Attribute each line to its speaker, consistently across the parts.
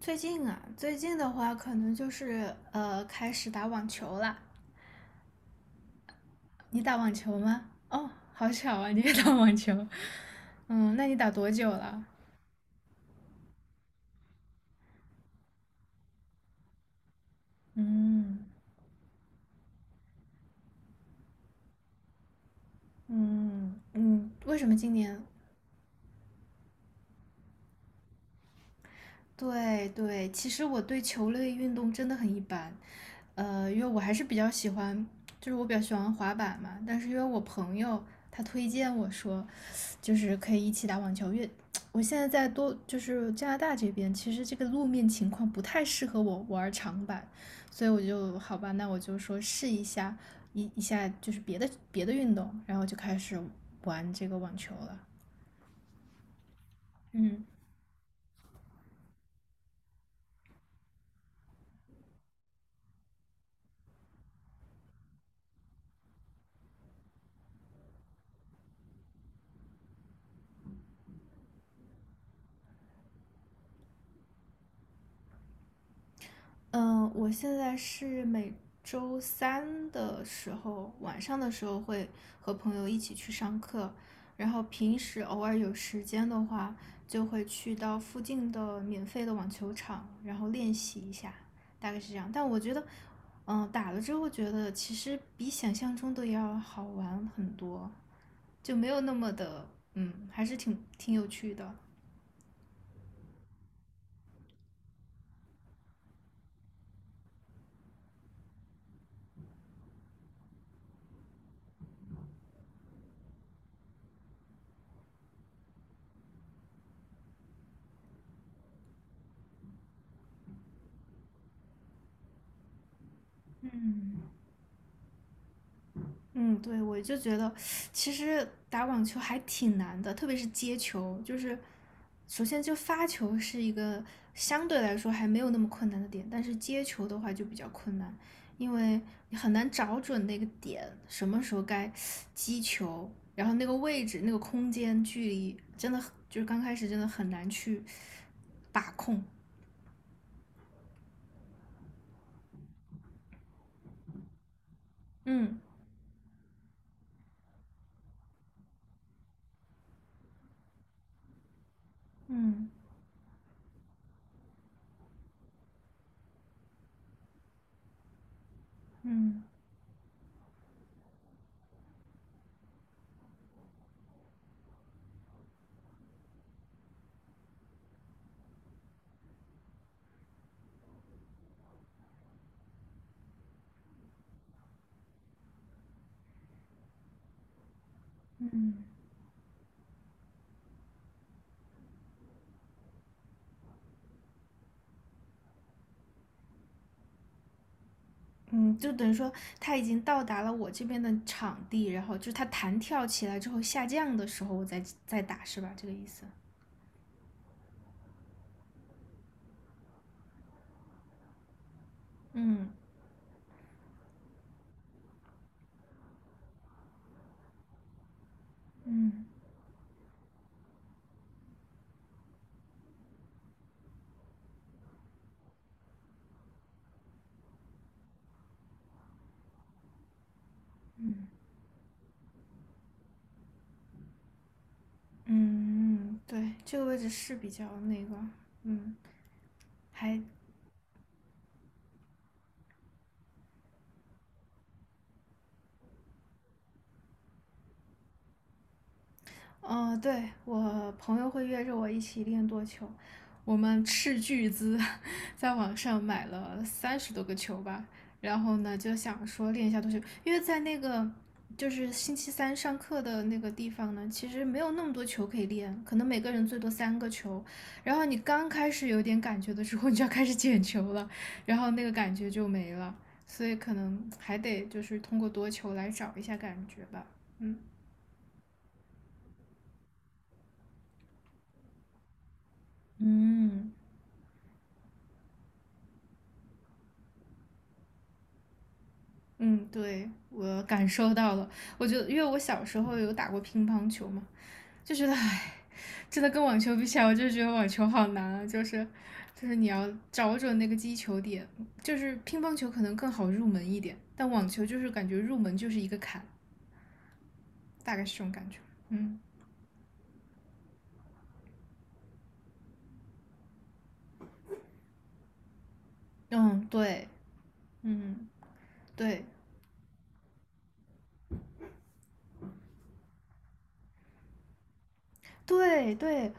Speaker 1: 最近啊，最近的话可能就是开始打网球了。你打网球吗？哦，好巧啊，你也打网球。嗯，那你打多久了？嗯嗯，为什么今年对对，其实我对球类运动真的很一般，因为我还是比较喜欢，就是我比较喜欢滑板嘛，但是因为我朋友他推荐我说，就是可以一起打网球，因为我现在在多就是加拿大这边，其实这个路面情况不太适合我玩长板，所以我就好吧，那我就说试一下一下就是别的运动，然后就开始玩这个网球了。嗯。嗯，我现在是每周三的时候，晚上的时候会和朋友一起去上课，然后平时偶尔有时间的话，就会去到附近的免费的网球场，然后练习一下，大概是这样。但我觉得，嗯，打了之后觉得其实比想象中的要好玩很多，就没有那么的，嗯，还是挺有趣的。嗯。嗯，对，我就觉得其实打网球还挺难的，特别是接球，就是首先就发球是一个相对来说还没有那么困难的点，但是接球的话就比较困难，因为你很难找准那个点，什么时候该击球，然后那个位置、那个空间、距离，真的很就是刚开始真的很难去把控。嗯嗯嗯嗯。嗯嗯，就等于说他已经到达了我这边的场地，然后就是它弹跳起来之后下降的时候，我再打，是吧？这个意思。嗯嗯嗯嗯嗯，对，这个位置是比较那个，嗯，还对，我朋友会约着我一起练多球，我们斥巨资 在网上买了三十多个球吧，然后呢就想说练一下多球，因为在那个就是星期三上课的那个地方呢，其实没有那么多球可以练，可能每个人最多三个球，然后你刚开始有点感觉的时候，你就要开始捡球了，然后那个感觉就没了，所以可能还得就是通过多球来找一下感觉吧。嗯。嗯，嗯，对，我感受到了。我觉得，因为我小时候有打过乒乓球嘛，就觉得，唉，真的跟网球比起来，我就觉得网球好难啊。就是，就是你要找准那个击球点，就是乒乓球可能更好入门一点，但网球就是感觉入门就是一个坎，大概是这种感觉。嗯嗯，对，嗯对对对，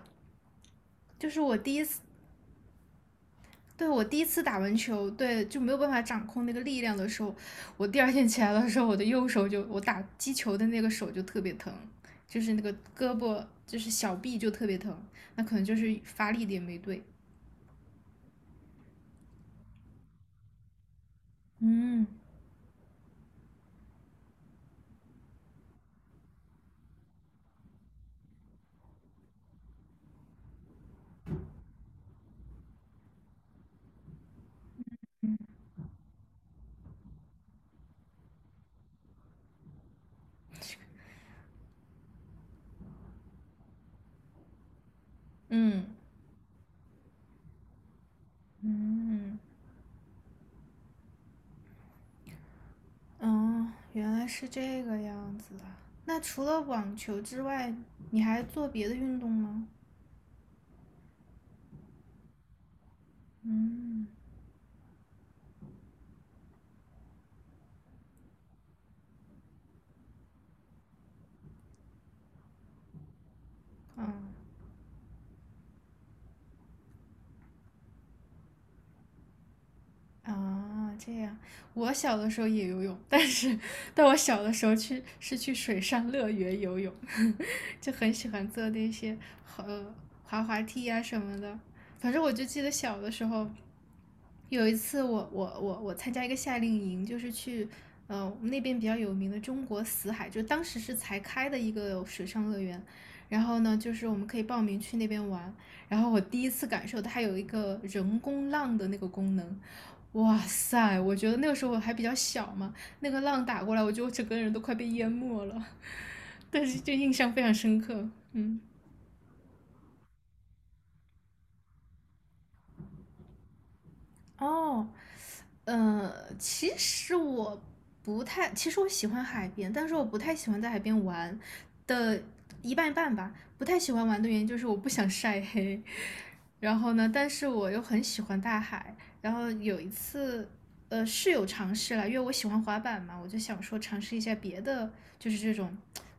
Speaker 1: 就是我第一次。对我第一次打完球，对就没有办法掌控那个力量的时候，我第二天起来的时候，我的右手就我打击球的那个手就特别疼，就是那个胳膊就是小臂就特别疼，那可能就是发力点没对。嗯嗯嗯，哦，原来是这个样子啊。那除了网球之外，你还做别的运动吗？嗯，嗯，啊，这样，我小的时候也游泳，但是但我小的时候去是去水上乐园游泳，就很喜欢坐那些呃滑滑梯啊什么的。反正我就记得小的时候，有一次我参加一个夏令营，就是去我们那边比较有名的中国死海，就当时是才开的一个水上乐园。然后呢，就是我们可以报名去那边玩。然后我第一次感受它有一个人工浪的那个功能，哇塞！我觉得那个时候我还比较小嘛，那个浪打过来，我觉得我整个人都快被淹没了，但是就印象非常深刻。嗯，哦，呃，其实我不太，其实我喜欢海边，但是我不太喜欢在海边玩的一半一半吧。不太喜欢玩的原因就是我不想晒黑，然后呢，但是我又很喜欢大海。然后有一次，是有尝试了，因为我喜欢滑板嘛，我就想说尝试一下别的，就是这种、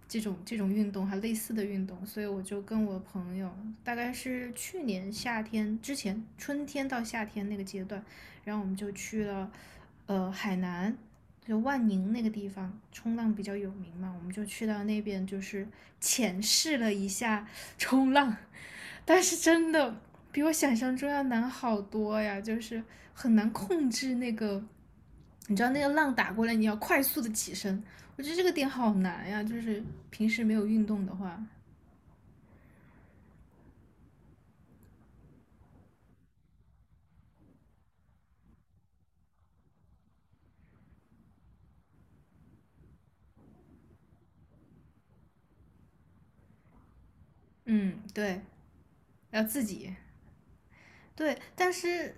Speaker 1: 这种、这种运动，还类似的运动。所以我就跟我朋友，大概是去年夏天之前，春天到夏天那个阶段，然后我们就去了，海南。就万宁那个地方冲浪比较有名嘛，我们就去到那边，就是浅试了一下冲浪，但是真的比我想象中要难好多呀，就是很难控制那个，你知道那个浪打过来，你要快速的起身，我觉得这个点好难呀，就是平时没有运动的话，嗯，对，要自己对，但是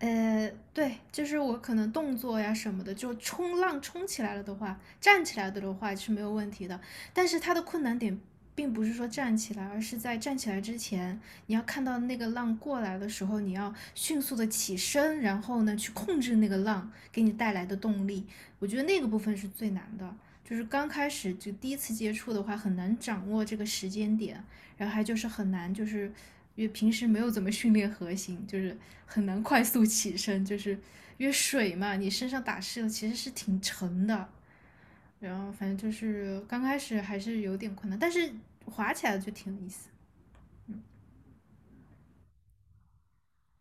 Speaker 1: 对，就是我可能动作呀什么的，就冲浪冲起来了的话，站起来的话是没有问题的。但是它的困难点并不是说站起来，而是在站起来之前，你要看到那个浪过来的时候，你要迅速的起身，然后呢去控制那个浪给你带来的动力。我觉得那个部分是最难的，就是刚开始就第一次接触的话，很难掌握这个时间点。然后还就是很难，就是因为平时没有怎么训练核心，就是很难快速起身，就是因为水嘛，你身上打湿了其实是挺沉的。然后反正就是刚开始还是有点困难，但是滑起来就挺有意思。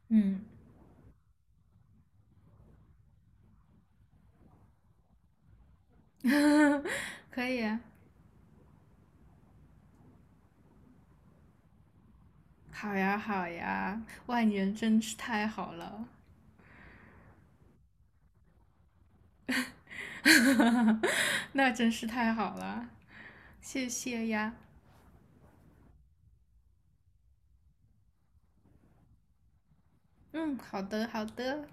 Speaker 1: 嗯 可以啊，好呀好呀，外年真是太好了 那真是太好了，谢谢呀。嗯，好的好的。